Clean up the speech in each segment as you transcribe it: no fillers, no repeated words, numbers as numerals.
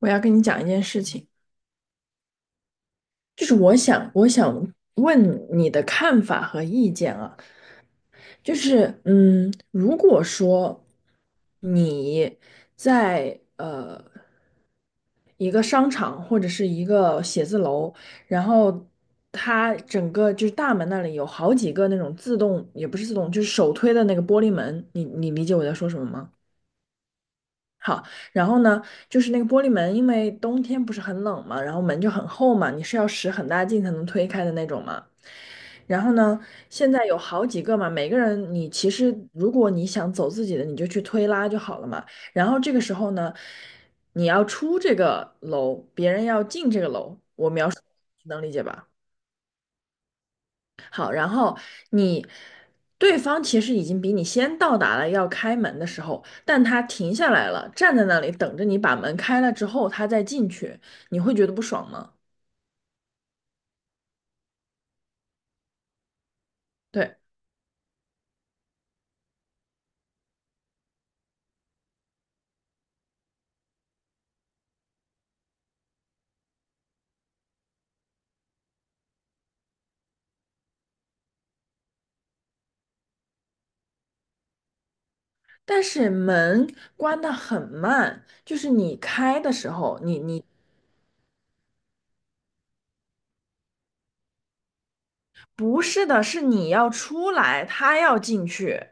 我要跟你讲一件事情，就是我想问你的看法和意见啊，就是，如果说你在一个商场或者是一个写字楼，然后它整个就是大门那里有好几个那种自动，也不是自动，就是手推的那个玻璃门，你理解我在说什么吗？好，然后呢，就是那个玻璃门，因为冬天不是很冷嘛，然后门就很厚嘛，你是要使很大劲才能推开的那种嘛。然后呢，现在有好几个嘛，每个人你其实如果你想走自己的，你就去推拉就好了嘛。然后这个时候呢，你要出这个楼，别人要进这个楼，我描述能理解吧？好，然后你对方其实已经比你先到达了要开门的时候，但他停下来了，站在那里等着你把门开了之后，他再进去，你会觉得不爽吗？对，但是门关得很慢，就是你开的时候，你不是的，是你要出来，他要进去。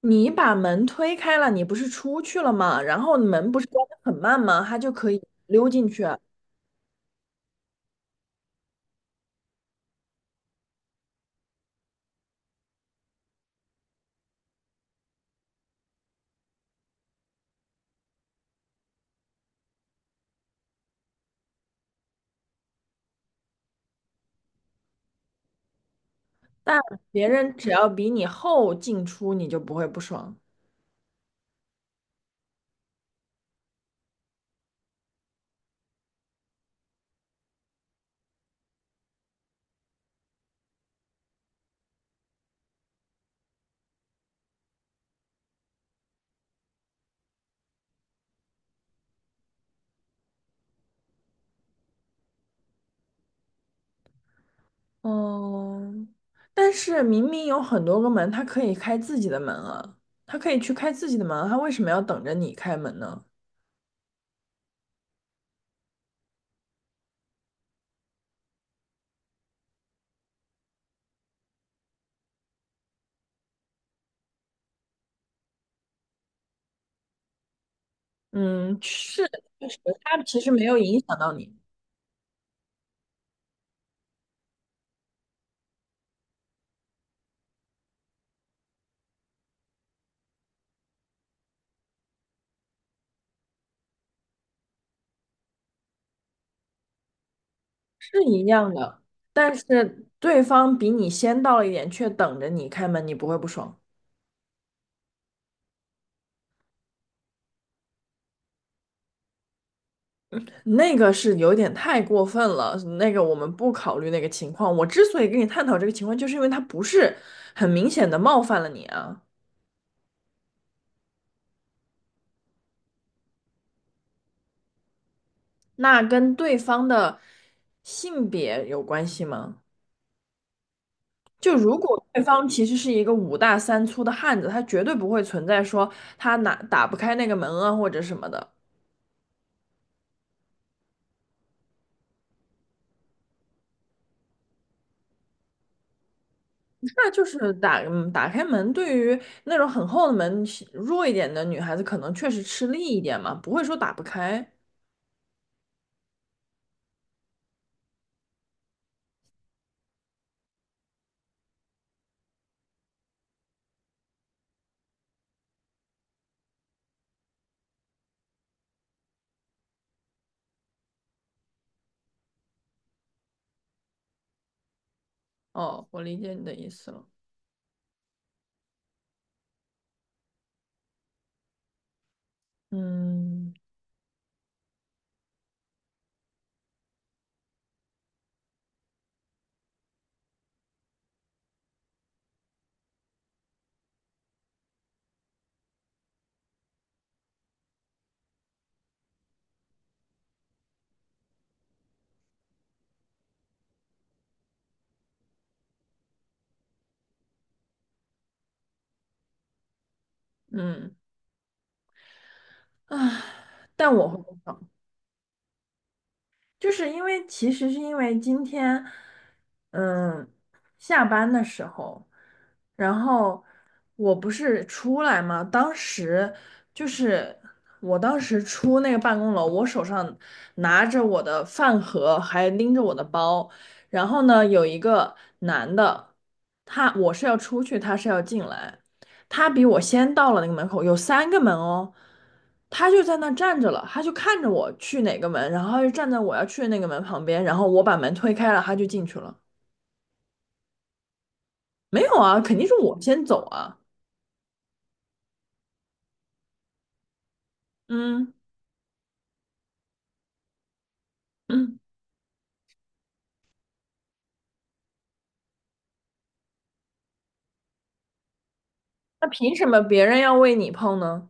你把门推开了，你不是出去了吗？然后门不是关得很慢吗？他就可以溜进去啊但别人只要比你后进出，你就不会不爽。嗯，但是明明有很多个门，他可以开自己的门啊，他可以去开自己的门啊，他为什么要等着你开门呢？嗯，是，确实，他其实没有影响到你，是一样的。但是对方比你先到了一点，却等着你开门，你不会不爽。那个是有点太过分了，那个我们不考虑那个情况。我之所以跟你探讨这个情况，就是因为他不是很明显的冒犯了你啊，那跟对方的性别有关系吗？就如果对方其实是一个五大三粗的汉子，他绝对不会存在说他哪打不开那个门啊或者什么的，那就是打开门，对于那种很厚的门弱一点的女孩子，可能确实吃力一点嘛，不会说打不开。哦，我理解你的意思了。嗯嗯啊，但我会不放，就是因为其实是因为今天，嗯，下班的时候，然后我不是出来嘛，当时就是我当时出那个办公楼，我手上拿着我的饭盒，还拎着我的包，然后呢，有一个男的，他我是要出去，他是要进来。他比我先到了那个门口，有三个门哦，他就在那站着了，他就看着我去哪个门，然后他就站在我要去的那个门旁边，然后我把门推开了，他就进去了。没有啊，肯定是我先走啊。嗯嗯，那凭什么别人要为你碰呢？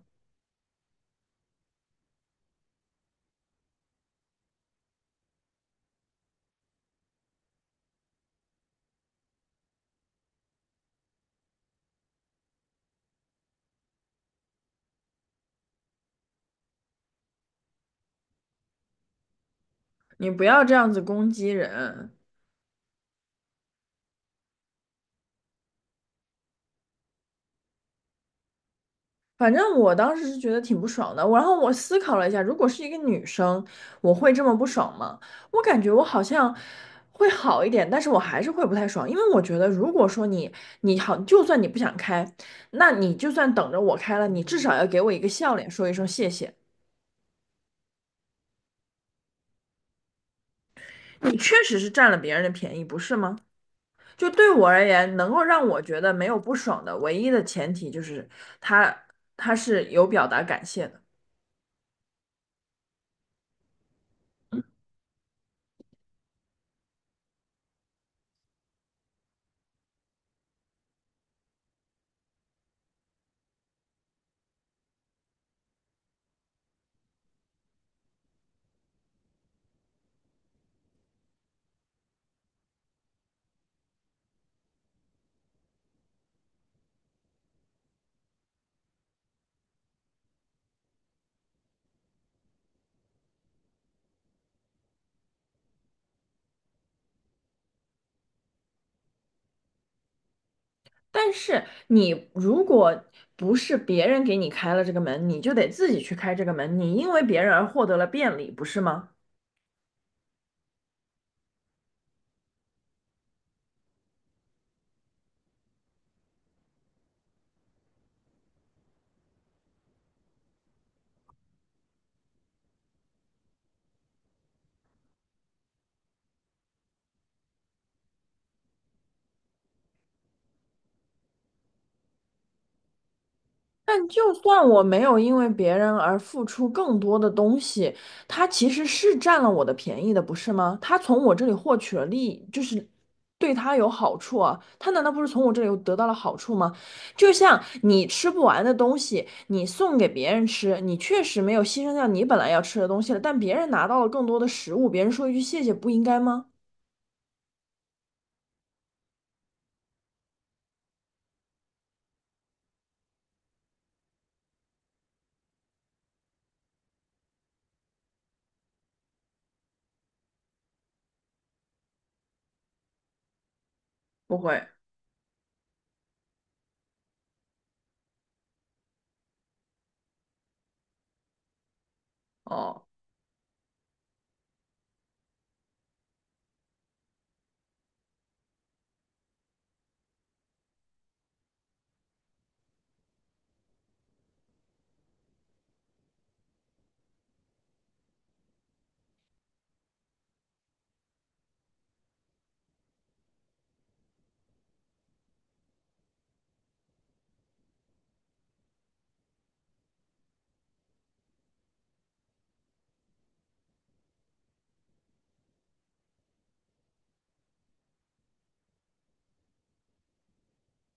你不要这样子攻击人。反正我当时是觉得挺不爽的，我然后我思考了一下，如果是一个女生，我会这么不爽吗？我感觉我好像会好一点，但是我还是会不太爽，因为我觉得如果说你你好，就算你不想开，那你就算等着我开了，你至少要给我一个笑脸，说一声谢谢。你确实是占了别人的便宜，不是吗？就对我而言，能够让我觉得没有不爽的唯一的前提就是他他是有表达感谢的。但是你如果不是别人给你开了这个门，你就得自己去开这个门，你因为别人而获得了便利，不是吗？但就算我没有因为别人而付出更多的东西，他其实是占了我的便宜的，不是吗？他从我这里获取了利益，就是对他有好处啊。他难道不是从我这里得到了好处吗？就像你吃不完的东西，你送给别人吃，你确实没有牺牲掉你本来要吃的东西了，但别人拿到了更多的食物，别人说一句谢谢，不应该吗？不会哦，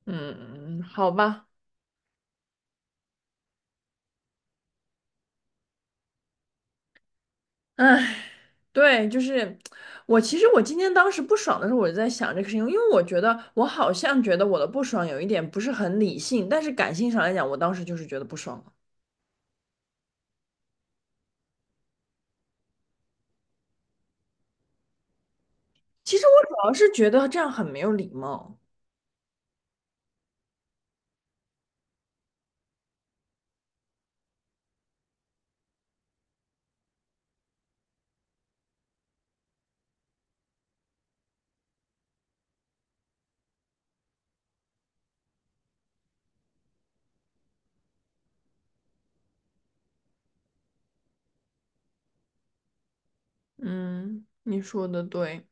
嗯，好吧，唉。对，就是我。其实我今天当时不爽的时候，我就在想这个事情，因为我觉得我好像觉得我的不爽有一点不是很理性，但是感性上来讲，我当时就是觉得不爽了其实我主要是觉得这样很没有礼貌。嗯，你说的对。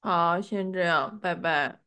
好，先这样，拜拜。